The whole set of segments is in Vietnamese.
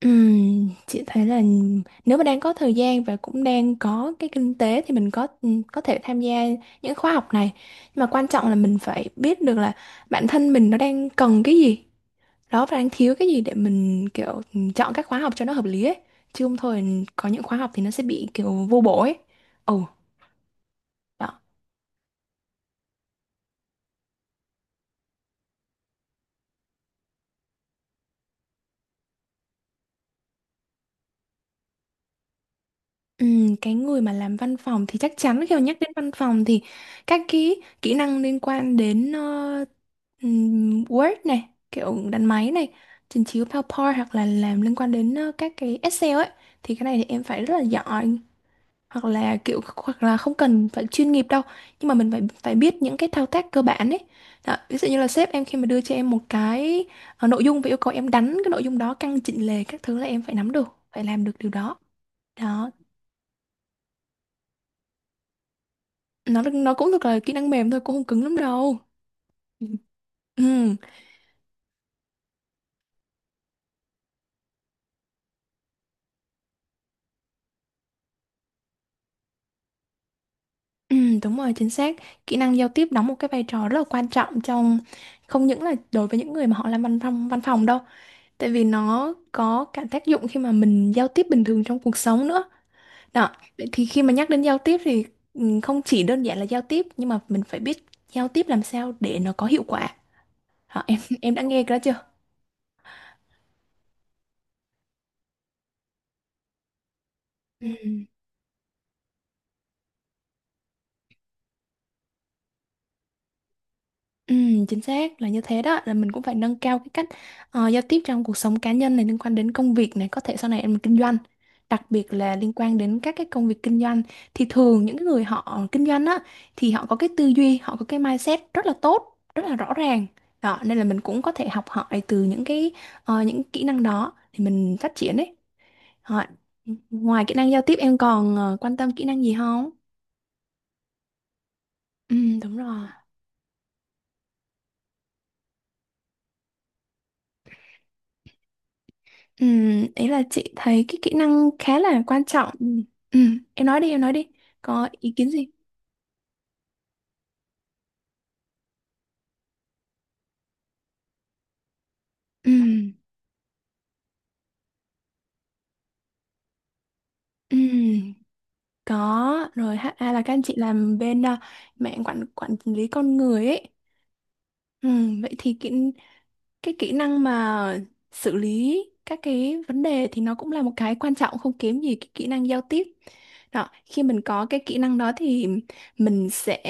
Chị thấy là nếu mà đang có thời gian và cũng đang có cái kinh tế thì mình có thể tham gia những khóa học này. Nhưng mà quan trọng là mình phải biết được là bản thân mình nó đang cần cái gì, đó và đang thiếu cái gì để mình kiểu chọn các khóa học cho nó hợp lý ấy. Chứ không thôi có những khóa học thì nó sẽ bị kiểu vô bổ ấy. Ồ, đó. Cái người mà làm văn phòng thì chắc chắn khi mà nhắc đến văn phòng thì các cái kỹ năng liên quan đến Word này, kiểu đánh máy này, trình chiếu PowerPoint hoặc là làm liên quan đến các cái Excel ấy thì cái này thì em phải rất là giỏi, hoặc là kiểu, hoặc là không cần phải chuyên nghiệp đâu, nhưng mà mình phải phải biết những cái thao tác cơ bản ấy. Đó, ví dụ như là sếp em khi mà đưa cho em một cái nội dung và yêu cầu em đánh cái nội dung đó, căn chỉnh lề các thứ là em phải nắm được, phải làm được điều đó. Đó. Nó cũng thật là kỹ năng mềm thôi, cũng không cứng lắm đâu. Ừ. Ừ, ừ, đúng rồi, chính xác. Kỹ năng giao tiếp đóng một cái vai trò rất là quan trọng trong, không những là đối với những người mà họ làm văn phòng đâu, tại vì nó có cả tác dụng khi mà mình giao tiếp bình thường trong cuộc sống nữa. Đó, vậy thì khi mà nhắc đến giao tiếp thì không chỉ đơn giản là giao tiếp, nhưng mà mình phải biết giao tiếp làm sao để nó có hiệu quả. Đó, em đã nghe cái đó chưa? Ừ. Ừ, chính xác là như thế, đó là mình cũng phải nâng cao cái cách giao tiếp trong cuộc sống cá nhân này, liên quan đến công việc này, có thể sau này em kinh doanh, đặc biệt là liên quan đến các cái công việc kinh doanh. Thì thường những cái người họ kinh doanh á thì họ có cái tư duy, họ có cái mindset rất là tốt, rất là rõ ràng. Đó nên là mình cũng có thể học hỏi từ những cái những kỹ năng đó thì mình phát triển đấy. Ờ, Ngoài kỹ năng giao tiếp em còn quan tâm kỹ năng gì không? Ừ, đúng rồi. Ý là chị thấy cái kỹ năng khá là quan trọng. Em nói đi, em nói đi. Có ý kiến gì? Ừm, ừm, có. Rồi HA à, là các anh chị làm bên à, mạng quản quản lý con người ấy. Vậy thì cái kỹ năng mà xử lý các cái vấn đề thì nó cũng là một cái quan trọng không kém gì cái kỹ năng giao tiếp. Đó, khi mình có cái kỹ năng đó thì mình sẽ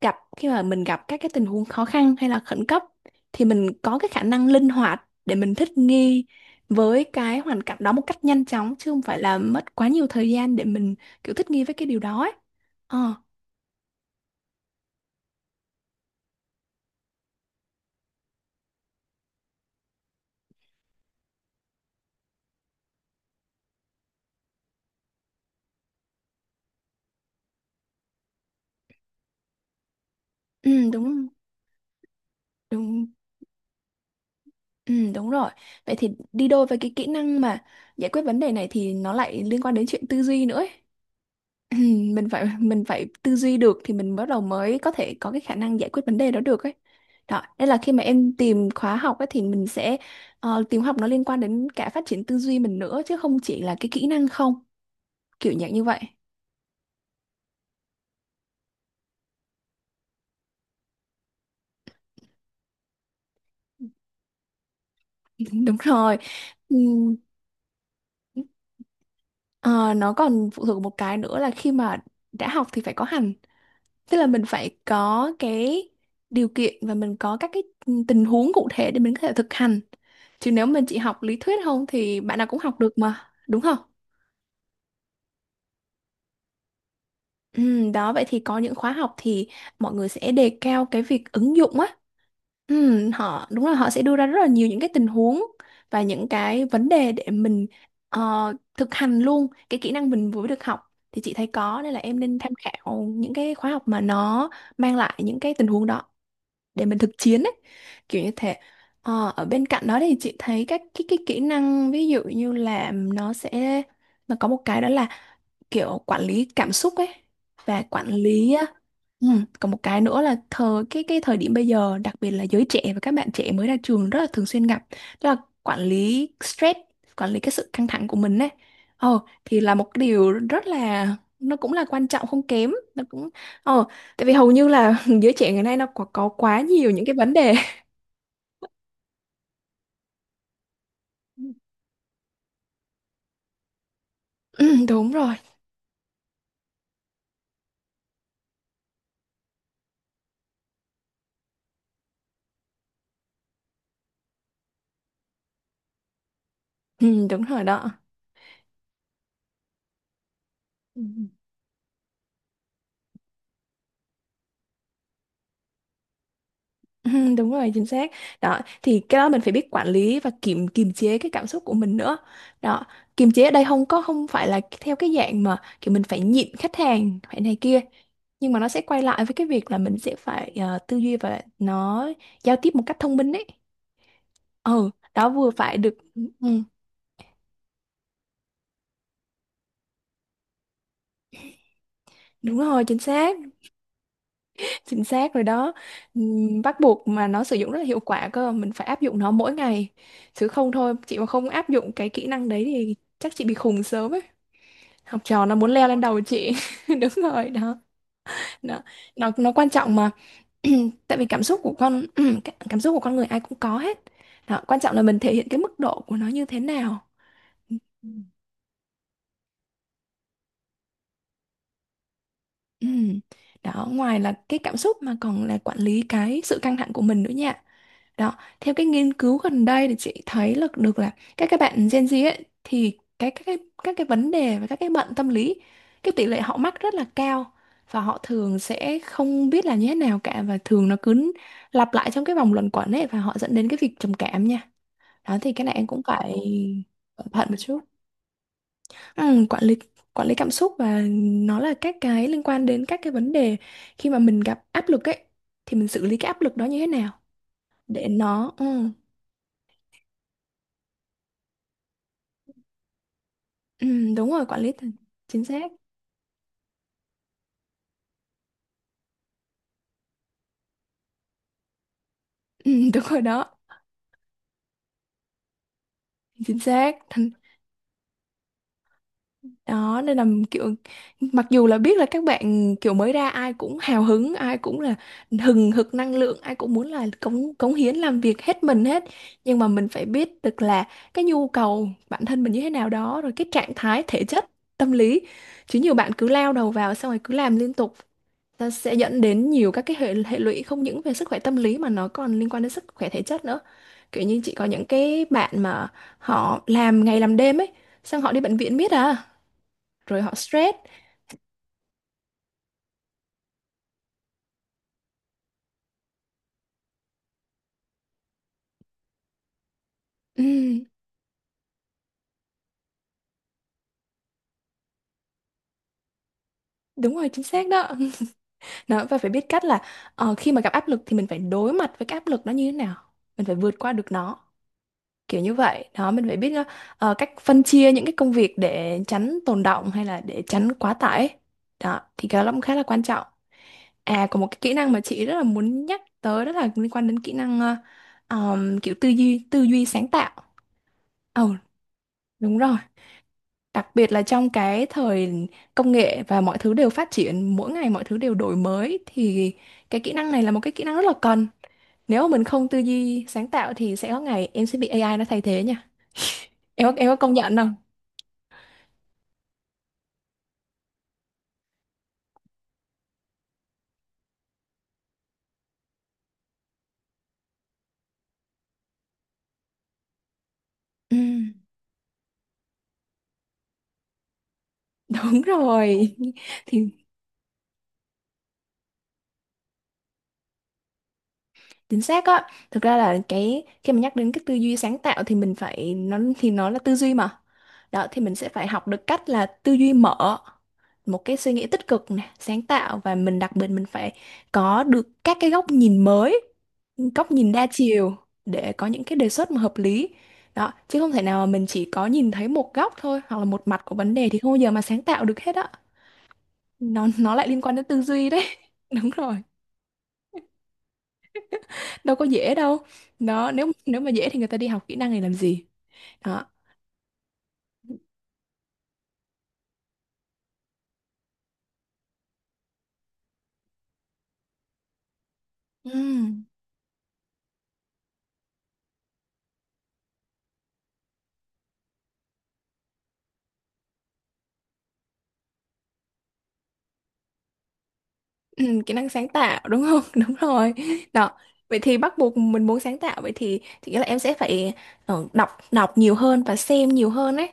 khi mà mình gặp các cái tình huống khó khăn hay là khẩn cấp thì mình có cái khả năng linh hoạt để mình thích nghi với cái hoàn cảnh đó một cách nhanh chóng, chứ không phải là mất quá nhiều thời gian để mình kiểu thích nghi với cái điều đó ấy. Ờ, ừ, đúng đúng. Ừ, đúng rồi. Vậy thì đi đôi với cái kỹ năng mà giải quyết vấn đề này thì nó lại liên quan đến chuyện tư duy nữa ấy. Ừ, mình phải tư duy được thì mình bắt đầu mới có thể có cái khả năng giải quyết vấn đề đó được ấy. Đó, nên là khi mà em tìm khóa học ấy thì mình sẽ tìm học nó liên quan đến cả phát triển tư duy mình nữa, chứ không chỉ là cái kỹ năng không, kiểu dạng như vậy. Đúng rồi. Ừm, ờ, nó còn phụ thuộc một cái nữa là khi mà đã học thì phải có hành. Tức là mình phải có cái điều kiện và mình có các cái tình huống cụ thể để mình có thể thực hành. Chứ nếu mình chỉ học lý thuyết không thì bạn nào cũng học được mà, đúng không? Ừ, đó vậy thì có những khóa học thì mọi người sẽ đề cao cái việc ứng dụng á. Ừ, họ đúng là họ sẽ đưa ra rất là nhiều những cái tình huống và những cái vấn đề để mình ờ, thực hành luôn cái kỹ năng mình vừa được học, thì chị thấy có nên là em nên tham khảo những cái khóa học mà nó mang lại những cái tình huống đó, để mình thực chiến ấy, kiểu như thế. Ở bên cạnh đó thì chị thấy các cái kỹ năng, ví dụ như là nó sẽ, nó có một cái đó là kiểu quản lý cảm xúc ấy và quản lý á, ừ, còn một cái nữa là thời cái thời điểm bây giờ, đặc biệt là giới trẻ và các bạn trẻ mới ra trường rất là thường xuyên gặp, đó là quản lý stress, quản lý cái sự căng thẳng của mình ấy. ờ thì là một cái điều rất là, nó cũng là quan trọng không kém, nó cũng ờ tại vì hầu như là giới trẻ ngày nay nó có quá nhiều những cái vấn đề. Ừ, đúng rồi, ừ, đúng rồi đó. Ừ. Ừ, đúng rồi, chính xác đó, thì cái đó mình phải biết quản lý và kiềm kiềm chế cái cảm xúc của mình nữa. Đó, kiềm chế ở đây không có, không phải là theo cái dạng mà kiểu mình phải nhịn khách hàng phải này kia, nhưng mà nó sẽ quay lại với cái việc là mình sẽ phải tư duy và nó giao tiếp một cách thông minh ấy. Ừ đó, vừa phải được. Ừ, đúng rồi, chính xác. Chính xác rồi đó. Bắt buộc mà nó sử dụng rất là hiệu quả cơ, mình phải áp dụng nó mỗi ngày, chứ không thôi chị mà không áp dụng cái kỹ năng đấy thì chắc chị bị khùng sớm ấy. Học trò nó muốn leo lên đầu chị. Đúng rồi đó. Nó nó, nó quan trọng mà. Tại vì cảm xúc của con cảm xúc của con người ai cũng có hết. Đó, quan trọng là mình thể hiện cái mức độ của nó như thế nào. Ừ. Đó, ngoài là cái cảm xúc mà còn là quản lý cái sự căng thẳng của mình nữa nha. Đó, theo cái nghiên cứu gần đây thì chị thấy là được là các bạn Gen Z ấy, thì cái các cái các cái vấn đề và các cái bệnh tâm lý, cái tỷ lệ họ mắc rất là cao, và họ thường sẽ không biết là như thế nào cả, và thường nó cứ lặp lại trong cái vòng luẩn quẩn ấy và họ dẫn đến cái việc trầm cảm nha. Đó thì cái này em cũng phải cẩn thận một chút. Ừ, quản lý cảm xúc và nó là các cái liên quan đến các cái vấn đề khi mà mình gặp áp lực ấy, thì mình xử lý cái áp lực đó như thế nào để nó ừ, đúng rồi, quản lý chính xác. Ừ, đúng rồi đó. Chính xác. Thành đó, nên là kiểu mặc dù là biết là các bạn kiểu mới ra ai cũng hào hứng, ai cũng là hừng hực năng lượng, ai cũng muốn là cống cống hiến làm việc hết mình hết. Nhưng mà mình phải biết được là cái nhu cầu bản thân mình như thế nào, đó rồi cái trạng thái thể chất, tâm lý. Chứ nhiều bạn cứ lao đầu vào xong rồi cứ làm liên tục, ta sẽ dẫn đến nhiều các cái hệ hệ lụy, không những về sức khỏe tâm lý mà nó còn liên quan đến sức khỏe thể chất nữa. Kiểu như chị có những cái bạn mà họ làm ngày làm đêm ấy, xong họ đi bệnh viện miết à, rồi họ stress. Ừm, Đúng rồi, chính xác đó. Đó và phải biết cách là khi mà gặp áp lực thì mình phải đối mặt với cái áp lực đó như thế nào, mình phải vượt qua được nó, kiểu như vậy đó. Mình phải biết cách phân chia những cái công việc để tránh tồn động hay là để tránh quá tải ấy. Đó thì cái đó cũng khá là quan trọng. À, có một cái kỹ năng mà chị rất là muốn nhắc tới, đó là liên quan đến kỹ năng kiểu tư duy sáng tạo. Ồ đúng rồi. Đặc biệt là trong cái thời công nghệ và mọi thứ đều phát triển, mỗi ngày mọi thứ đều đổi mới, thì cái kỹ năng này là một cái kỹ năng rất là cần. Nếu mà mình không tư duy sáng tạo thì sẽ có ngày em sẽ bị AI nó thay thế nha. Em có công nhận không? Ừ, đúng rồi. Thì chính xác á. Thực ra là cái khi mà nhắc đến cái tư duy sáng tạo thì mình phải, nó thì nó là tư duy mà. Đó thì mình sẽ phải học được cách là tư duy mở, một cái suy nghĩ tích cực nè, sáng tạo, và mình đặc biệt mình phải có được các cái góc nhìn mới, góc nhìn đa chiều, để có những cái đề xuất mà hợp lý. Đó, chứ không thể nào mà mình chỉ có nhìn thấy một góc thôi hoặc là một mặt của vấn đề thì không bao giờ mà sáng tạo được hết á. Nó lại liên quan đến tư duy đấy. Đúng rồi, đâu có dễ đâu. Đó, nếu nếu mà dễ thì người ta đi học kỹ năng này làm gì. Đó ừ. Ừ, kỹ năng sáng tạo đúng không? Đúng rồi. Đó. Vậy thì bắt buộc mình muốn sáng tạo, vậy thì nghĩa là em sẽ phải đọc đọc nhiều hơn và xem nhiều hơn ấy.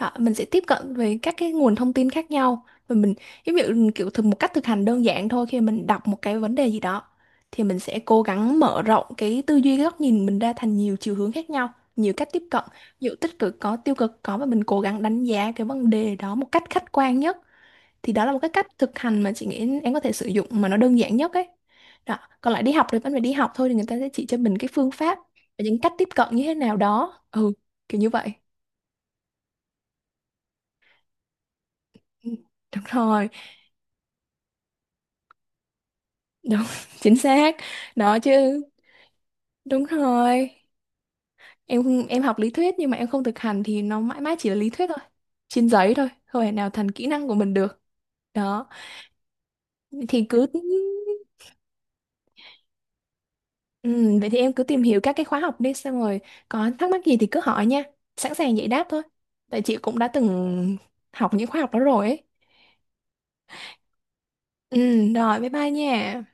Đó, mình sẽ tiếp cận với các cái nguồn thông tin khác nhau, và mình giống như kiểu thực một cách thực hành đơn giản thôi, khi mình đọc một cái vấn đề gì đó thì mình sẽ cố gắng mở rộng cái tư duy, cái góc nhìn mình ra thành nhiều chiều hướng khác nhau, nhiều cách tiếp cận, ví dụ tích cực có, tiêu cực có, và mình cố gắng đánh giá cái vấn đề đó một cách khách quan nhất. Thì đó là một cái cách thực hành mà chị nghĩ em có thể sử dụng mà nó đơn giản nhất ấy. Đó, còn lại đi học thì vẫn phải đi học thôi, thì người ta sẽ chỉ cho mình cái phương pháp và những cách tiếp cận như thế nào đó, ừ, kiểu như vậy. Ừ, đúng rồi. Đúng, chính xác. Đó chứ. Đúng rồi, em không- em học lý thuyết nhưng mà em không thực hành thì nó mãi mãi chỉ là lý thuyết thôi, trên giấy thôi, không thể nào thành kỹ năng của mình được. Đó thì cứ. Ừ, vậy thì em cứ tìm hiểu các cái khóa học đi, xong rồi có thắc mắc gì thì cứ hỏi nha, sẵn sàng giải đáp thôi, tại chị cũng đã từng học những khóa học đó rồi ấy. Ừ, rồi bye bye nha.